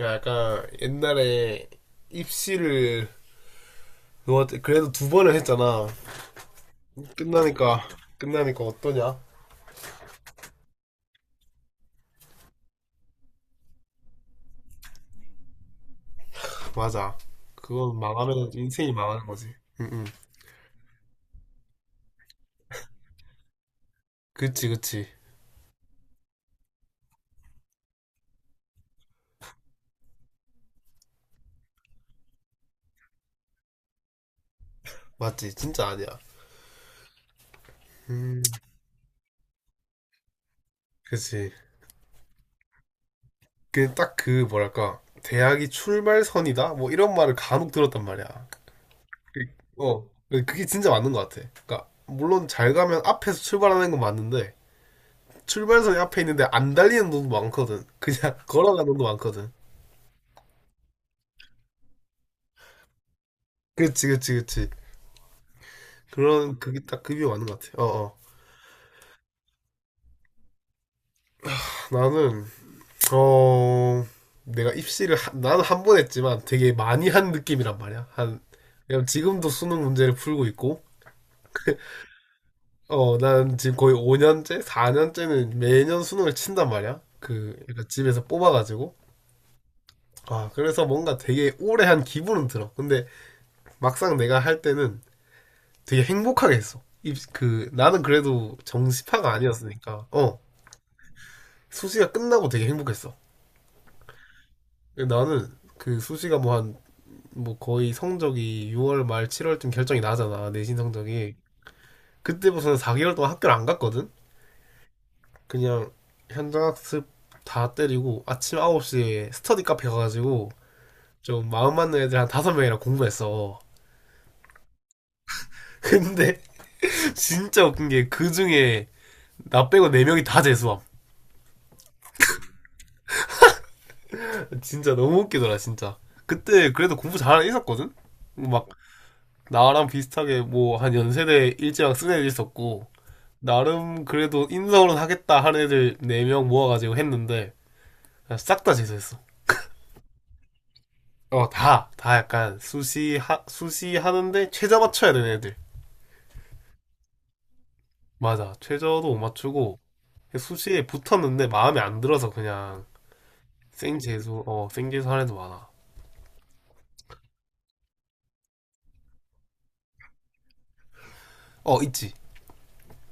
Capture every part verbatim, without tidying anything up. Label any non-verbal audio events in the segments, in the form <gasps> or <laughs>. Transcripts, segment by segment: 약간 옛날에 입시를 뭐 그래도 두 번을 했잖아. 끝나니까 끝나니까 어떠냐? 맞아. 그건 망하면 인생이 망하는 거지. 응, 응. 그치, 그치. 맞지. 진짜 아니야. 음, 그치. 그 딱 그 뭐랄까 대학이 출발선이다. 뭐 이런 말을 간혹 들었단 말이야. 그- 어, 그게 진짜 맞는 것 같아. 그러니까 물론 잘 가면 앞에서 출발하는 건 맞는데 출발선이 앞에 있는데 안 달리는 놈도 많거든. 그냥 <laughs> 걸어가는 놈도 많거든. 그치, 그치, 그치. 그런, 그게 딱 급이 맞는 것 같아. 어, 어. 나는, 어, 내가 입시를, 한- 나는 한 번 했지만 되게 많이 한 느낌이란 말이야. 한, 왜냐면 지금도 수능 문제를 풀고 있고, <laughs> 어, 난 지금 거의 오 년째 사 년째는 매년 수능을 친단 말이야. 그, 약간 집에서 뽑아가지고. 아, 그래서 뭔가 되게 오래 한 기분은 들어. 근데 막상 내가 할 때는 되게 행복하게 했어. 입, 그, 나는 그래도 정시파가 아니었으니까, 어, 수시가 끝나고 되게 행복했어. 나는 그 수시가 뭐 한, 뭐 거의 성적이 유월 말 칠월쯤 결정이 나잖아. 내신 성적이. 그때부터는 사 개월 동안 학교를 안 갔거든? 그냥 현장학습 다 때리고 아침 아홉 시에 스터디 카페 가가지고 좀 마음 맞는 애들 한 다섯 명이랑 공부했어. 근데 <laughs> 진짜 웃긴 게 그 중에 나 빼고 네 명이 다 재수함. <laughs> 진짜 너무 웃기더라, 진짜. 그때 그래도 공부 잘하는 애 있었거든? 막 나랑 비슷하게 뭐 한 연세대 일제랑 쓴 애들 있었고, 나름 그래도 인성으로 하겠다 하는 애들 네 명 모아가지고 했는데 싹 다 재수했어. 어, 다, 다 약간 수시, 하, 수시 하는데 최저 맞춰야 되는 애들. 맞아, 최저도 못 맞추고 수시에 붙었는데 마음에 안 들어서 그냥 생 재수, 어, 생 재수 하는 애도 많아. 어, 있지.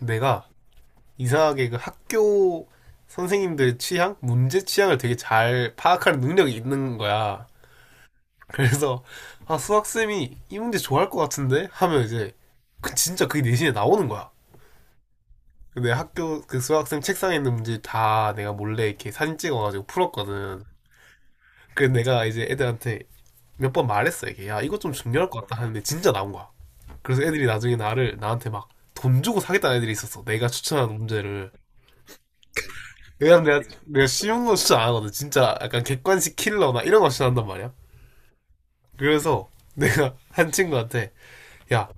내가 이상하게 그 학교 선생님들 취향, 문제 취향을 되게 잘 파악하는 능력이 있는 거야. 그래서 아 수학쌤이 이 문제 좋아할 것 같은데 하면 이제 그 진짜 그게 내신에 나오는 거야. 근데 학교 그 수학쌤 책상에 있는 문제 다 내가 몰래 이렇게 사진 찍어가지고 풀었거든. 그래서 내가 이제 애들한테 몇 번 말했어, 이게 야 이거 좀 중요할 것 같다 하는데 진짜 나온 거야. 그래서 애들이 나중에 나를 나한테 막 돈 주고 사겠다는 애들이 있었어. 내가 추천한 문제를. 왜냐면 내가 내가 쉬운 거 추천 안 하거든. 진짜 약간 객관식 킬러나 이런 거 추천한단 말이야. 그래서 내가 <laughs> 한 친구한테 야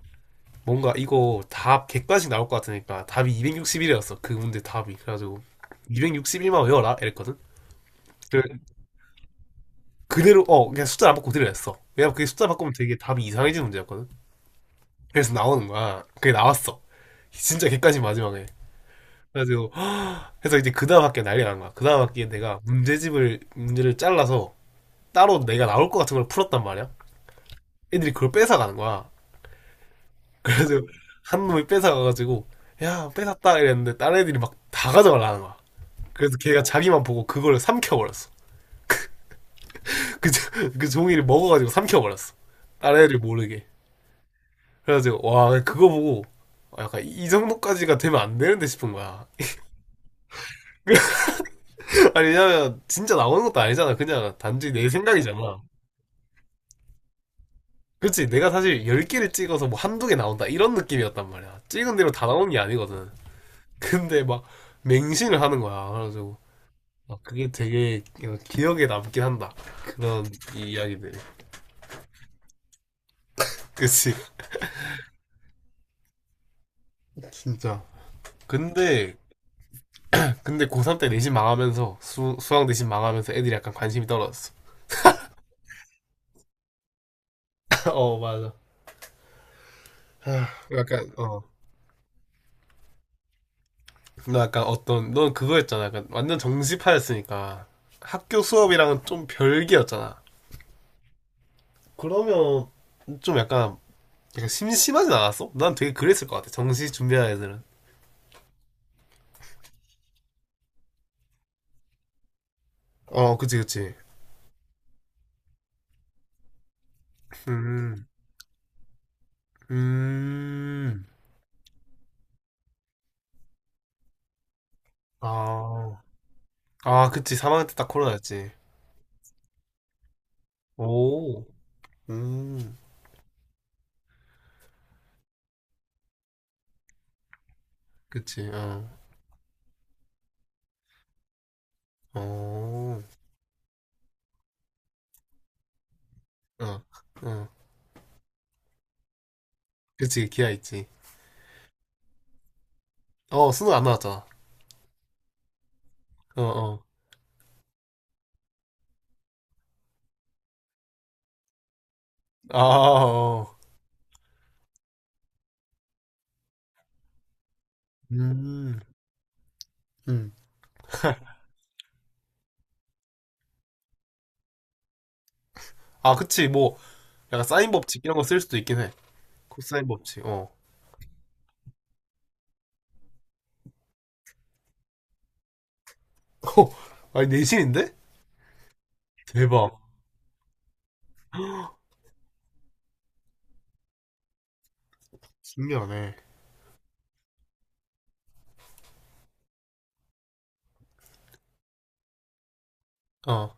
뭔가 이거 답 객관식 나올 것 같으니까 답이 이백육십일이었어. 그 문제 답이. 그래가지고 이백육십일만 외워라 이랬거든. 그래, 그대로 어 그냥 숫자 안 바꾸고 그대로 했어. 왜냐면 그게 숫자 바꾸면 되게 답이 이상해지는 문제였거든. 그래서 나오는 거야. 그게 나왔어. 진짜 객관식 마지막에. 그래가지고 <gasps> 그래서 이제 그 다음 학기에 난리가 난 거야. 그 다음 학기에 내가 문제집을 문제를 잘라서 따로 내가 나올 것 같은 걸 풀었단 말이야. 애들이 그걸 뺏어가는 거야. 그래서 한 놈이 뺏어가가지고 야 뺏었다 이랬는데 다른 애들이 막 다 가져가려는 거야. 그래서 걔가 자기만 보고 그걸 삼켜버렸어. 그, 그 종이를 먹어가지고 삼켜버렸어. 다른 애를 모르게. 그래가지고, 와, 그거 보고, 약간 이 정도까지가 되면 안 되는데 싶은 거야. <laughs> 아니, 왜냐면, 진짜 나오는 것도 아니잖아. 그냥 단지 내 생각이잖아. 그렇지. 내가 사실 열 개를 찍어서 뭐 한두 개 나온다. 이런 느낌이었단 말이야. 찍은 대로 다 나오는 게 아니거든. 근데 막, 맹신을 하는 거야. 그래가지고, 막 그게 되게 기억에 남긴 한다. 그런 이야기들. 그치. 진짜. 근데 근데 고삼 때 내신 망하면서 수, 수학 내신 망하면서 애들이 약간 관심이 떨어졌어. <laughs> 어, 맞아. <laughs> 약간 어. 나 약간 어떤 넌 그거였잖아. 약간 완전 정시파였으니까 학교 수업이랑은 좀 별개였잖아. 그러면 좀 약간 약간 심심하진 않았어? 난 되게 그랬을 것 같아. 정시 준비하는 애들은. 어, 그치, 그치. 음, 음, 아, 아, 그치. 삼 학년 때 딱 코로나였지. 오, 음, 그치. 어, 어. 어, 어. 그치, 기아 있지. 어, 수능 안 나왔잖아. 어, 어. 아, 어. 음, 음. 아, 그치, 뭐, 약간 사인 법칙 이런 거 쓸 수도 있긴 해. 코사인 법칙, 어. <laughs> 어, 아니, 내신인데? 대박. <gasps> 신기하네. 어,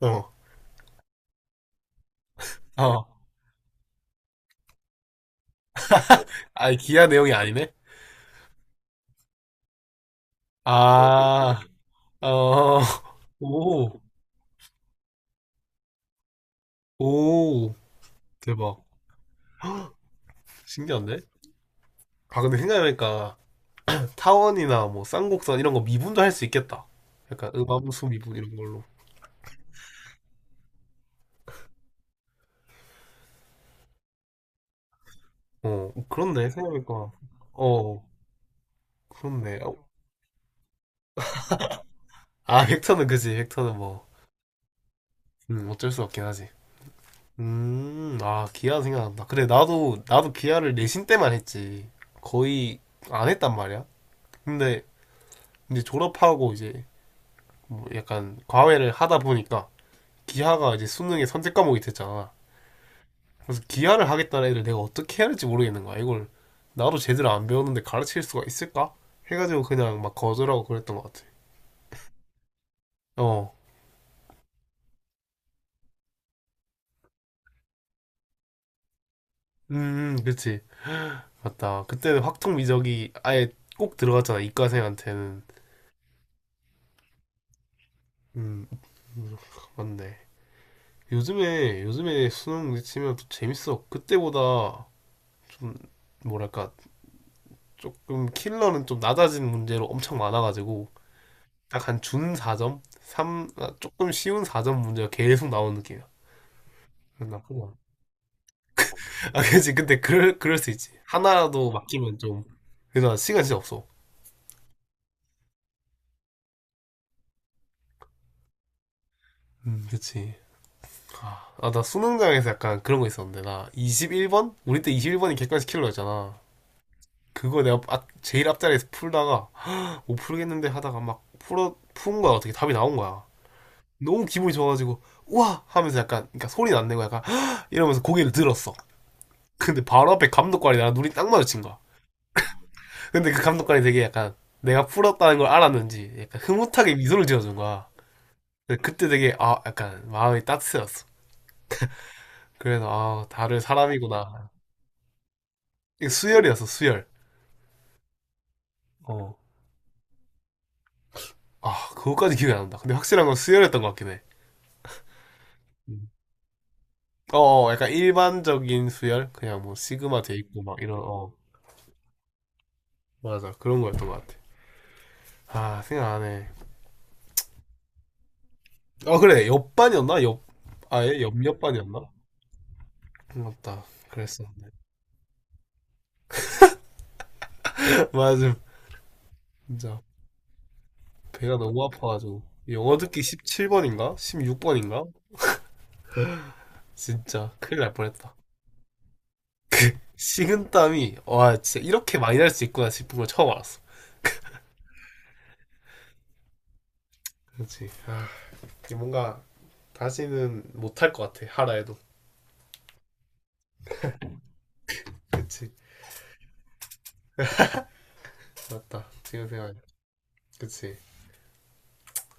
어, 어. 아니, 기아 내용이 아니네? 아, 어, 오, 오, 대박. <gasps> 신기한데? 아, 근데 생각해보니까, 타원이나 뭐 쌍곡선 이런 거 미분도 할 수 있겠다. 약간 음함수 미분 이런 걸로. 어, 그렇네. 생각해보니까. 어, 그렇네. 어. 아, <laughs> 벡터는 그지. 벡터는 뭐, 음, 어쩔 수 없긴 하지. 음, 아, 기아 생각난다. 그래, 나도, 나도 기아를 내신 때만 했지. 거의 안 했단 말이야. 근데, 이제 졸업하고 이제, 뭐 약간 과외를 하다 보니까, 기하가 이제 수능의 선택 과목이 됐잖아. 그래서 기아를 하겠다는 애들 내가 어떻게 해야 할지 모르겠는 거야. 이걸 나도 제대로 안 배웠는데 가르칠 수가 있을까? 해가지고 그냥 막 거절하고 그랬던 것 같아. 어, 음, 그치. 맞다. 그때는 확통 미적이 아예 꼭 들어갔잖아. 이과생한테는. 음, 음, 맞네. 요즘에, 요즘에 수능 치면 또 재밌어. 그때보다 좀, 뭐랄까, 조금 킬러는 좀 낮아진 문제로 엄청 많아가지고, 딱 한 준 사 점? 삼 조금 쉬운 사 점 문제가 계속 나오는 느낌이야. 나쁘구나. 아, 그치. 근데 그럴, 그럴 수 있지. 하나라도 맡기면 좀. 근데 나 시간 진짜 없어. 음. 그치. 아, 아, 나 수능장에서 약간 그런 거 있었는데. 나 이십일 번? 우리 때 이십일 번이 객관식 킬러였잖아. 그거 내가 앞- 제일 앞자리에서 풀다가, 못 풀겠는데 하다가 막 풀어, 푼 거야. 어떻게 답이 나온 거야. 너무 기분이 좋아가지고, 우와! 하면서 약간, 그러니까 소리는 안 내고 약간, 헉! 이러면서 고개를 들었어. 근데 바로 앞에 감독관이 나랑 눈이 딱 마주친 거야. 근데 그 감독관이 되게 약간 내가 풀었다는 걸 알았는지 약간 흐뭇하게 미소를 지어준 거야. 근데 그때 되게 아 약간 마음이 따뜻해졌어. 그래서 아 다른 사람이구나. 이게 수열이었어, 수열. 어. 아 그거까지 기억이 안 난다. 근데 확실한 건 수열이었던 것 같긴 해. 음. 어, 어, 약간 일반적인 수열 그냥 뭐 시그마 돼 있고 막 이런 어 맞아, 그런 거였던 것 같아. 아 생각 안 해. 어 그래 옆반이었나 옆 아예 옆 옆반이었나? 맞다. 그랬어. <laughs> 맞아, 진짜. 배가 너무 아파가지고 영어 듣기 십칠 번인가? 십육 번인가? 진짜 큰일 날 뻔했다. 식은땀이 와 진짜 이렇게 많이 날 수 있구나 싶은 걸 처음 알았어. 그렇지. 아 이게 뭔가 다시는 못 할 것 같아 하라 해도. 그치. 맞다, 지금 생각해. 그치.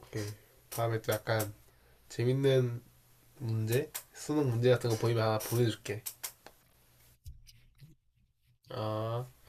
오케이. 다음에 또 약간 재밌는 문제 수능 문제 같은 거 보이면 하나 보내줄게. 아